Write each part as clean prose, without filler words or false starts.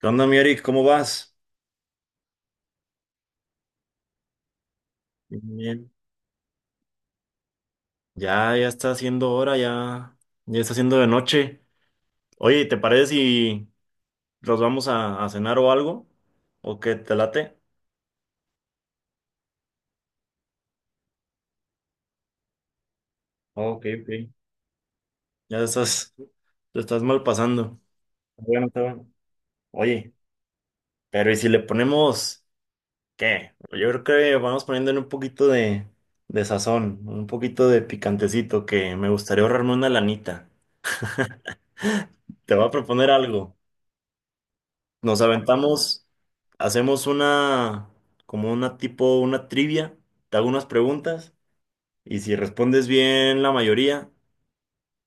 ¿Qué onda, mi Eric? ¿Cómo vas? Bien, bien. Ya, ya está haciendo hora, ya, ya está haciendo de noche. Oye, ¿te parece si los vamos a cenar o algo? ¿O qué te late? Ok, ok. Ya estás, te estás mal pasando. Bueno, está bueno. Oye, pero ¿y si le ponemos qué? Yo creo que vamos poniéndole un poquito de sazón, un poquito de picantecito, que me gustaría ahorrarme una lanita. Te voy a proponer algo. Nos aventamos, hacemos una, como una tipo, una trivia, te hago unas preguntas y si respondes bien la mayoría,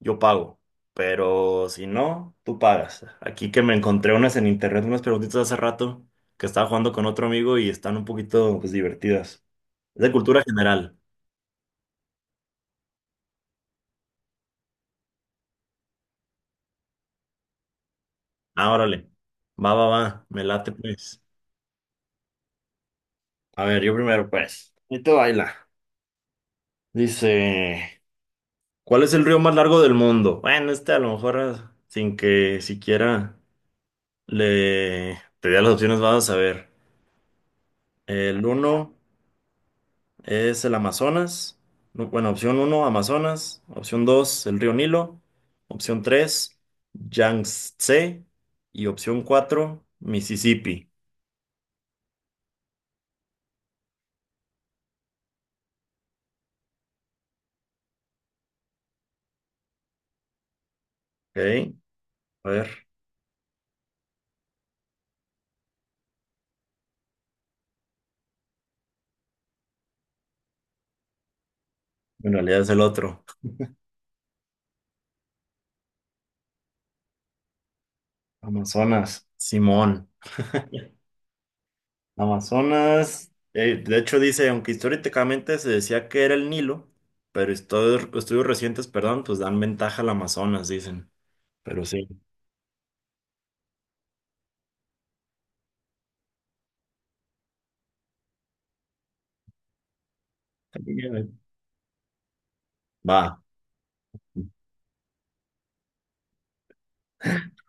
yo pago. Pero si no, tú pagas. Aquí que me encontré unas en internet, unas preguntitas hace rato que estaba jugando con otro amigo y están un poquito, pues, divertidas. Es de cultura general. Ah, órale. Va, va, va. Me late, pues. A ver, yo primero, pues. Y te baila. Dice. ¿Cuál es el río más largo del mundo? Bueno, este a lo mejor ah, sin que siquiera le te dé las opciones vas a saber. El uno es el Amazonas. No, bueno, opción uno Amazonas. Opción 2 el río Nilo. Opción 3 Yangtze. Y opción 4 Mississippi. Ok, a ver, en realidad es el otro. Amazonas, Simón. Amazonas, de hecho dice, aunque históricamente se decía que era el Nilo, pero estudios recientes, perdón, pues dan ventaja al Amazonas, dicen. Pero sí. Va,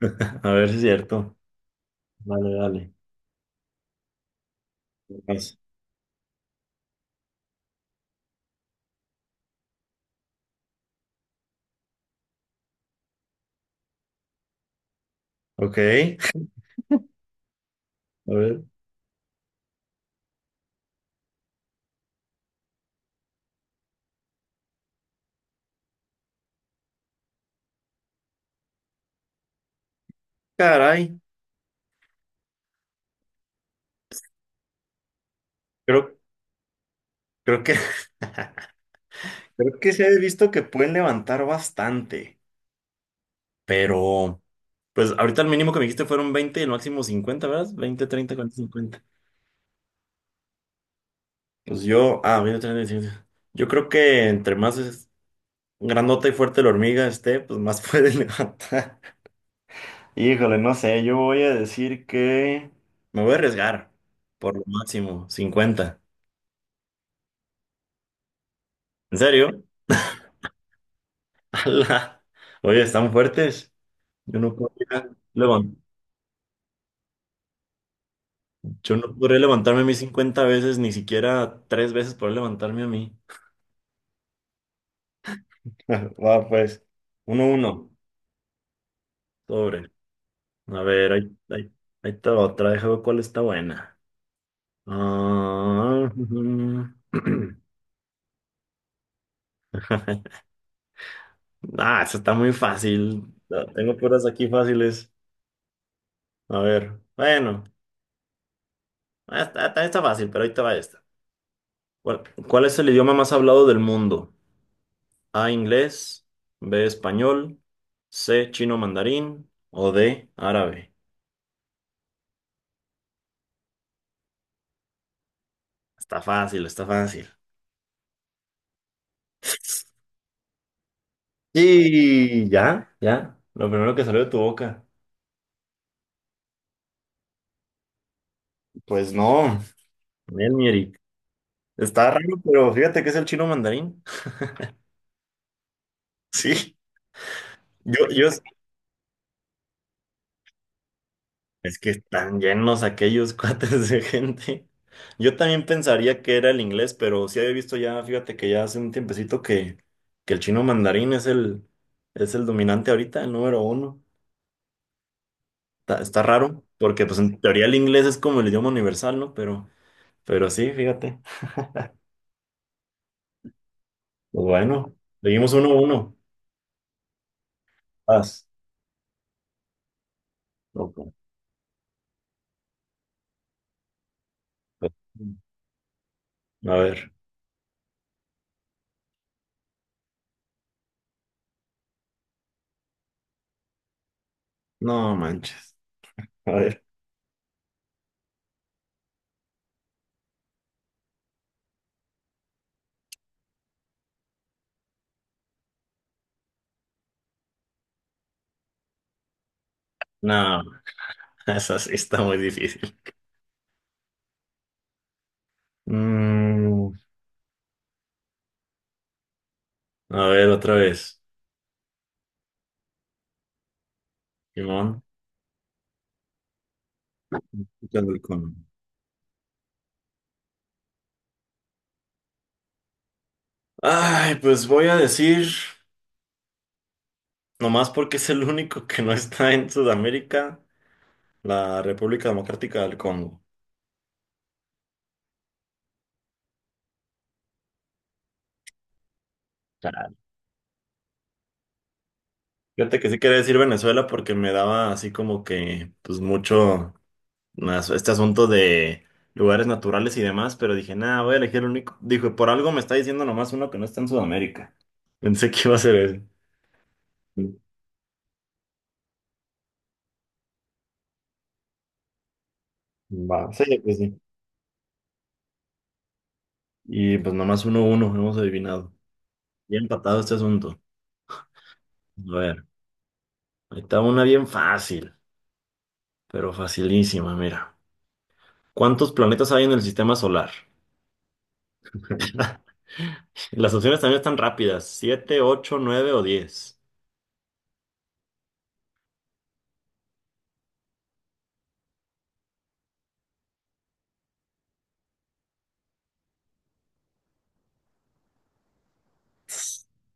a ver si es cierto. Dale, dale. Vas. Ok, a ver. Caray, creo, creo que, creo que se ha visto que pueden levantar bastante, pero pues ahorita el mínimo que me dijiste fueron 20 y el máximo 50, ¿verdad? 20, 30, 40, 50. Pues yo, ah, mira, yo creo que entre más grandota y fuerte la hormiga esté, pues más puede levantar. Híjole, no sé, yo voy a decir que me voy a arriesgar por lo máximo, 50. ¿En serio? Ala. Oye, están fuertes. Yo no podría levan- yo no podría levantarme a mí 50 veces, ni siquiera tres veces poder levantarme a mí. Va, pues, uno, uno, sobre. A ver, ahí está otra, déjame ver cuál está buena. Ah, ujú. Ah, eso está muy fácil. Ah, tengo puras aquí fáciles. A ver, bueno, ah, está fácil, pero ahí te va esta. ¿Cuál es el idioma más hablado del mundo? A, inglés, B, español, C, chino mandarín o D, árabe. Está fácil, está fácil. Y ya, ya, lo primero que salió de tu boca. Pues no, nel, mi Eric. Está raro, pero fíjate que es el chino mandarín. Sí. Yo, es que están llenos aquellos cuates de gente. Yo también pensaría que era el inglés, pero sí había visto ya, fíjate que ya hace un tiempecito que el chino mandarín es el dominante ahorita, el número uno. Está raro, porque pues en teoría el inglés es como el idioma universal, ¿no? Pero sí, fíjate. Pues bueno, seguimos uno a uno. Vas. Ok, pues, a ver. No manches. A ver. No, esa sí está muy difícil. Mm. A ver, otra vez. Simón. Quitando el cono. Ay, pues voy a decir, nomás porque es el único que no está en Sudamérica, la República Democrática del Congo. Claro. Fíjate que sí quería decir Venezuela porque me daba así como que, pues mucho más este asunto de lugares naturales y demás, pero dije, nada, voy a elegir el único. Dijo, por algo me está diciendo nomás uno que no está en Sudamérica. Pensé que iba a ser ese. Va. Sí, pues sí. Y pues nomás uno, uno, hemos adivinado. Bien empatado este asunto. A ver, ahí está una bien fácil, pero facilísima, mira. ¿Cuántos planetas hay en el sistema solar? Las opciones también están rápidas, siete, ocho, nueve o 10.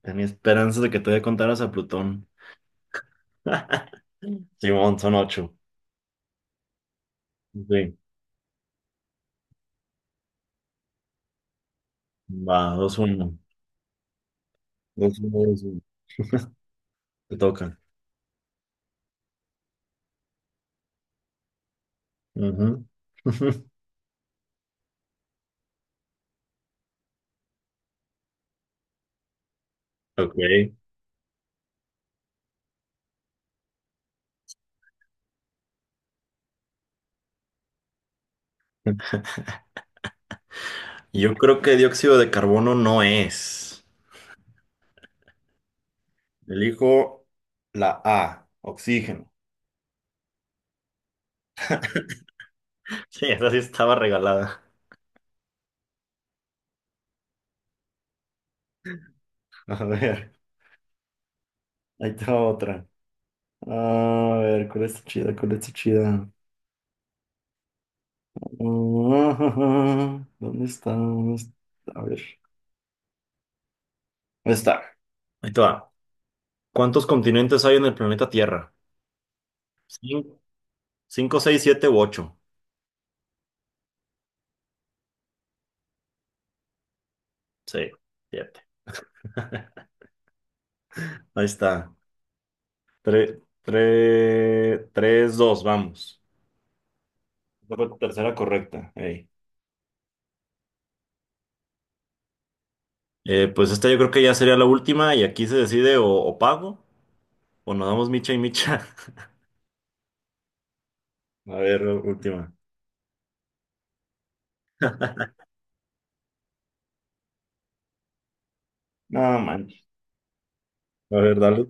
Tenía esperanzas de que todavía contaras a Plutón. Simón, son ocho. Sí. Va, dos, uno. Dos, uno, dos, uno. Te toca. Ujú. Ok. Yo creo que dióxido de carbono no es. Elijo la A, oxígeno. Sí, esa sí estaba regalada. A ver, ahí está otra. A ver, ¿cuál está chida? ¿Cuál está chida? Ah, ¿dónde está? ¿Dónde está? A ver, ¿dónde está? Ahí te va. ¿Cuántos continentes hay en el planeta Tierra? Cin- Cinco, seis, siete u ocho. Sí, siete. Ahí está. Tres, tres, tres, dos, vamos. Esa fue tu tercera correcta. Ey. Pues esta yo creo que ya sería la última y aquí se decide o pago o nos damos micha y micha. A ver, última. No manches. A ver, dale.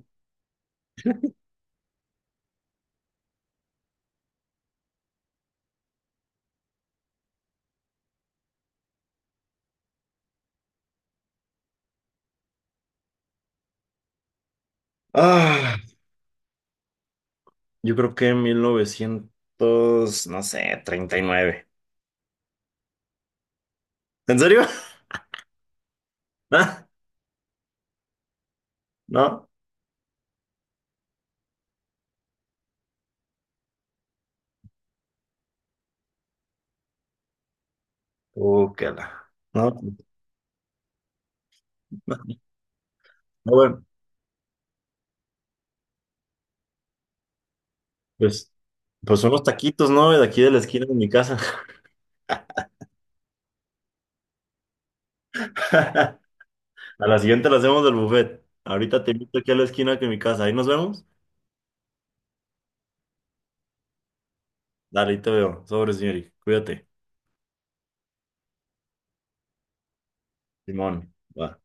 Ah, yo creo que 1900, no sé, 39. ¿En serio? ¿Ah? ¿No? Qué la. No, no, bueno, pues, pues unos taquitos, ¿no? De aquí de la esquina de mi casa. A la siguiente la hacemos del buffet. Ahorita te invito aquí a la esquina de mi casa. Ahí nos vemos. Dale, ahí te veo. Sobre, señorita. Cuídate. Simón, va.